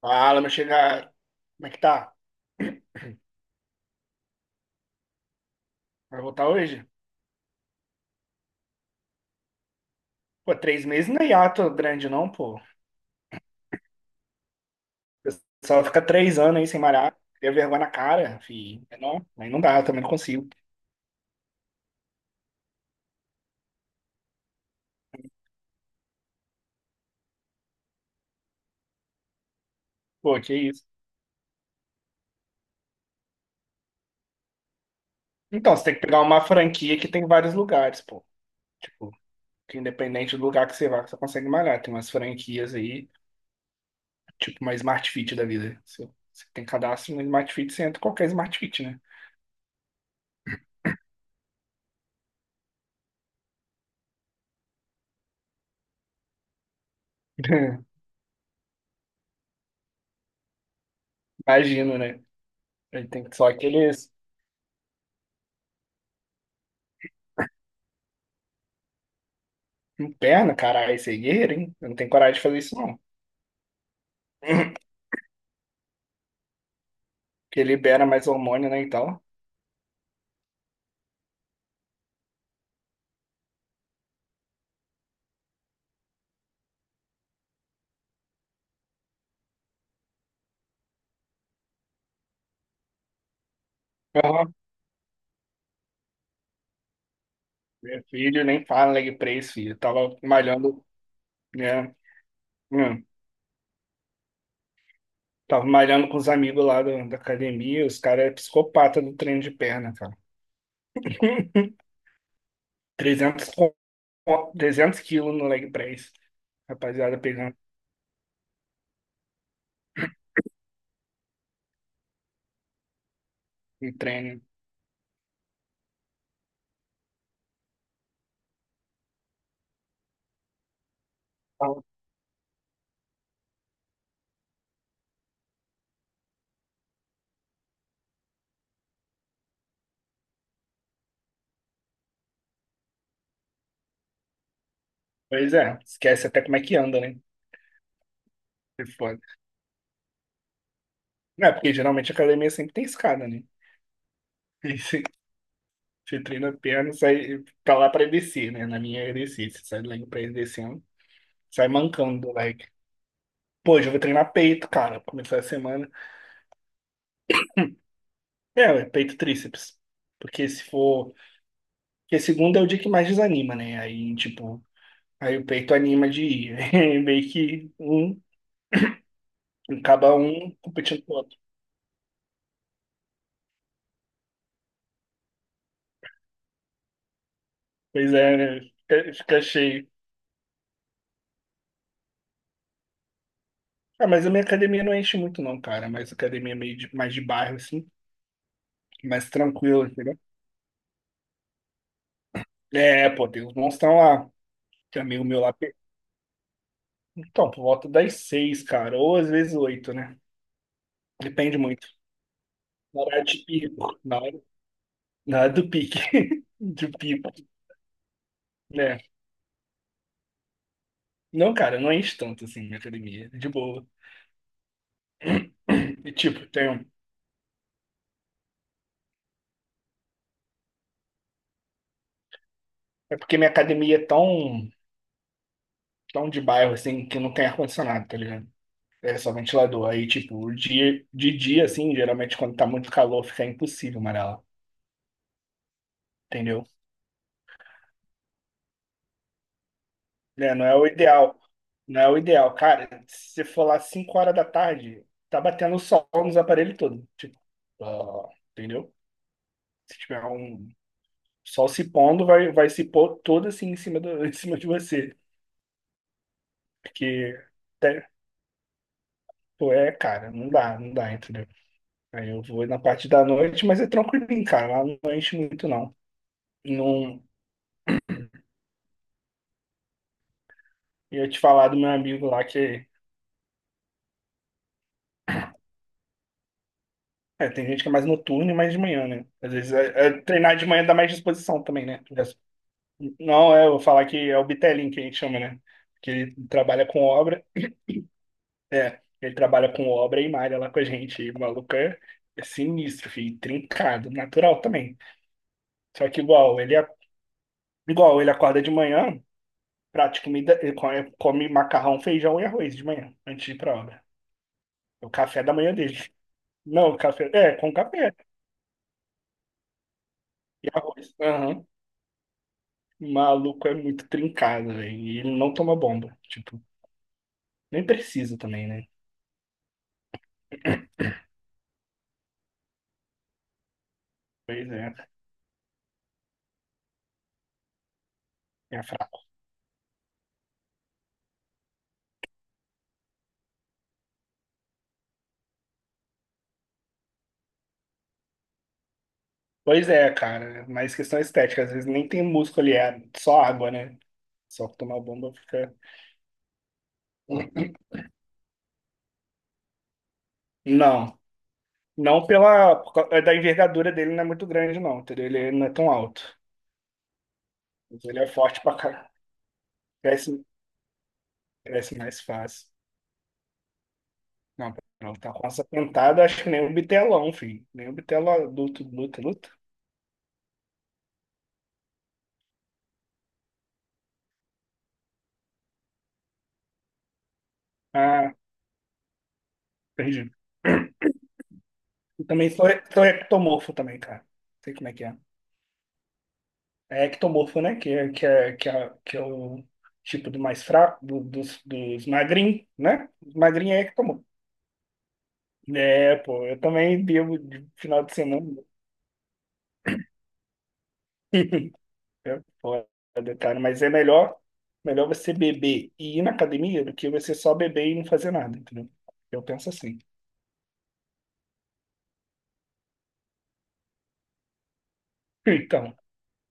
Fala, meu chegar. Como é que tá? Vai voltar hoje? Pô, 3 meses não é hiato grande, não, pô. O pessoal fica 3 anos aí sem malhar. Cria vergonha na cara, fi. É, não, aí não dá, eu também não consigo. Pô, que isso. Então, você tem que pegar uma franquia que tem vários lugares, pô. Tipo, que independente do lugar que você vá, que você consegue malhar. Tem umas franquias aí, tipo uma Smart Fit da vida. Você tem cadastro no Smart Fit, você entra em qualquer Smart Fit, né? Imagino, né? Ele tem só aqueles. Perna, caralho, esse aí é guerreiro, hein? Eu não tenho coragem de fazer isso, não. Porque libera mais hormônio, né, então. Aham. Meu filho nem fala leg press, filho. Eu tava malhando, né? hum, Tava malhando com os amigos lá da academia, os caras é psicopata do treino de perna, cara. 300 co- 300 quilos no leg press. Rapaziada pegando em treino. Então, pois é, esquece até como é que anda, né? É foda. Não, porque geralmente a academia sempre tem escada, né? Você treina a perna, e sai pra lá pra descer, né? Na minha é descer. Você sai do leg press descendo, sai mancando do leg. Pô, hoje eu vou treinar peito, cara, pra começar a semana. É, ué, peito e tríceps. Porque se for. Porque segunda é o dia que mais desanima, né? Aí, tipo, aí o peito anima de ir. Aí meio que um acaba um competindo com o outro. Pois é, né? Fica cheio. Ah, mas a minha academia não enche muito, não, cara. Mas a academia é meio mais de bairro, assim, mais tranquila, entendeu? É, pô, tem uns monstros lá. Tem um amigo meu lá. Então, por volta das seis, cara, ou às vezes oito, né? Depende muito. Na hora de pico, na hora do pique, do pico, né? Não, cara, não enche tanto assim minha academia, de boa. E tipo, tem, um, é porque minha academia é tão, tão de bairro, assim, que não tem ar-condicionado, tá ligado? É só ventilador. Aí, tipo, de dia, assim, geralmente quando tá muito calor, fica impossível malhar lá, entendeu? Né? Não é o ideal. Não é o ideal. Cara, se você for lá 5 horas da tarde, tá batendo sol nos aparelhos todos. Tipo, ah, entendeu? Se tiver um sol se pondo, vai se pôr todo assim em cima, em cima de você. Porque, até, pô, é, cara, não dá, não dá, entendeu? Aí eu vou na parte da noite, mas é tranquilinho, cara. Lá não enche muito, não. Não. Eu ia te falar do meu amigo lá que. É, tem gente que é mais noturno e mais de manhã, né? Às vezes treinar de manhã dá mais disposição também, né? Não, eu vou falar que é o Bitelin que a gente chama, né? Que ele trabalha com obra. É, ele trabalha com obra e malha lá com a gente. E o maluco é sinistro, filho, trincado, natural também. Só que igual, ele acorda de manhã, prata de comida, ele come macarrão, feijão e arroz de manhã, antes de ir pra obra. É o café da manhã dele. Não, café, com café e arroz. Aham. O Maluco é muito trincado, velho. E ele não toma bomba. Tipo, nem precisa também, né? Pois é. Pois é, cara, mas questão estética, às vezes nem tem músculo ali, é só água, né? Só que tomar bomba fica. Não, não pela por causa da envergadura dele não é muito grande, não, entendeu? Ele não é tão alto. Mas ele é forte pra caralho. Cresce, cresce mais fácil. Não, não, tá com essa pentada, acho que nem o bitelão, filho. Nem o bitelo adulto luta, luta. Ah, perdi. Eu também sou ectomorfo também, cara. Sei como é que é. É ectomorfo, né? Que é o tipo do mais fraco, dos magrinhos, né? Magrinho é ectomorfo. É, pô, eu também bebo de final de semana. É foda, cara, mas é melhor você beber e ir na academia do que você só beber e não fazer nada, entendeu? Eu penso assim. Então,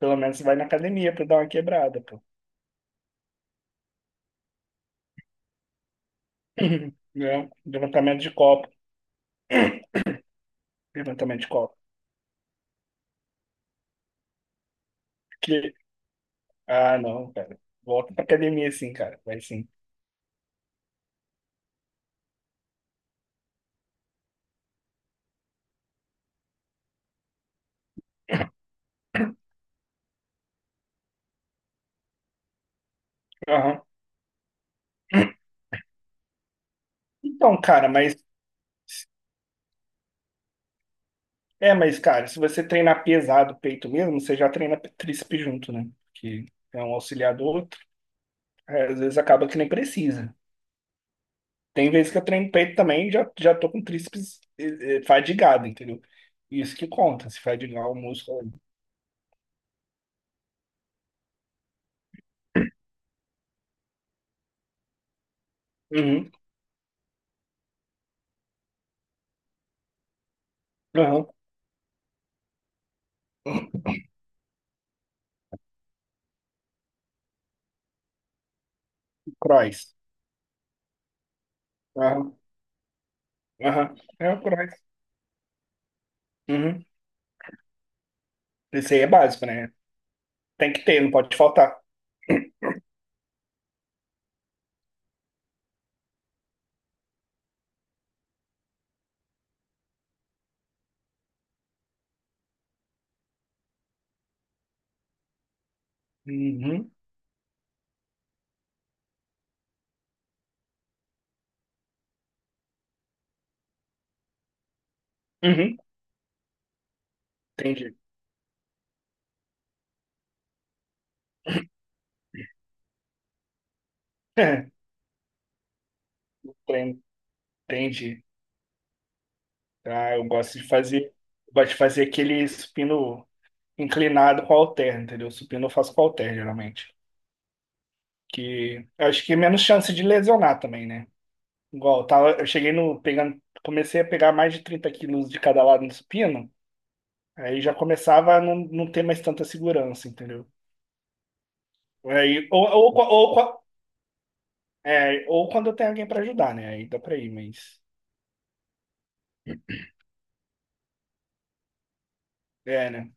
pelo menos vai na academia pra dar uma quebrada, pô. Né? Levantamento de copo, levantamento de copo. Ah, não, cara. Volta pra academia sim, cara. Vai sim. Aham. Então, cara, mas. É, mas, cara, se você treinar pesado o peito mesmo, você já treina tríceps junto, né? Que é um auxiliar do outro. É, às vezes acaba que nem precisa. Tem vezes que eu treino peito também e já tô com tríceps fadigado, entendeu? Isso que conta, se fadigar o músculo ali. Uhum. Aham. Cross. Aham. Aham. É o cross. Uhum. Esse aí é básico, né? Tem que ter, não pode faltar. Uhum. Uhum, entendi. Enten- Entendi. Ah, eu gosto de fazer aquele supino inclinado com halter, entendeu? Supino eu faço com halter, geralmente. Que eu acho que é menos chance de lesionar também, né? Igual, eu tava, eu cheguei no, pegando, comecei a pegar mais de 30 quilos de cada lado no supino, aí já começava a não ter mais tanta segurança, entendeu? Aí, ou, ou quando eu tenho alguém pra ajudar, né? Aí dá pra ir, mas. É, né?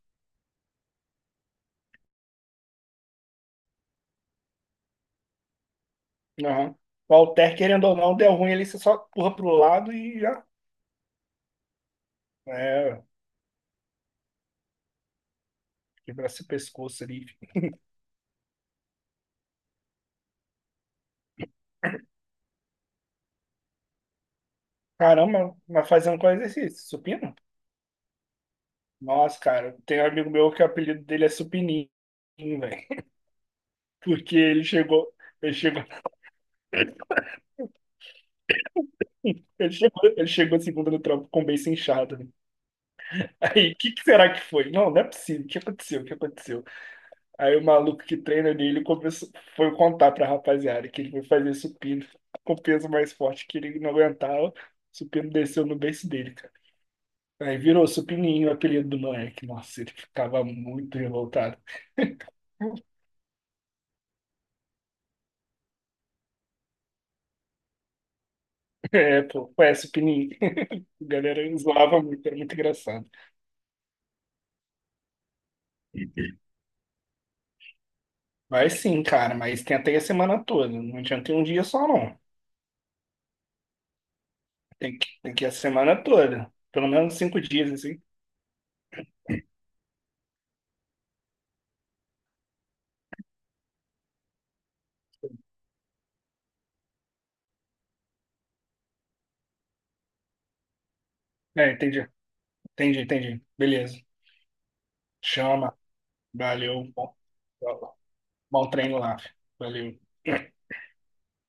Aham. O halter, querendo ou não, deu ruim ali, você só empurra pro lado e já. É, quebra seu pescoço ali. Caramba, mas fazendo qual exercício? Supino? Nossa, cara, tem um amigo meu que o apelido dele é Supininho, velho. Porque ele chegou, ele chegou segunda no trampo com o beiço inchado, né? Aí, o que que será que foi? Não, não é possível. O que aconteceu? O que aconteceu? Aí o maluco que treina ali, foi contar pra rapaziada que ele foi fazer supino com peso mais forte que ele não aguentava. O supino desceu no beiço dele, cara. Aí virou supininho o apelido do moleque. Nossa, ele ficava muito revoltado. É, pô, é supininho. A galera zoava muito, era muito engraçado. Mas sim, cara, mas tem até a semana toda. Não adianta ter um dia só, não. Tem que ir a semana toda. Pelo menos 5 dias, assim. É, entendi. Entendi, entendi. Beleza. Chama. Valeu. Bom treino lá. Valeu.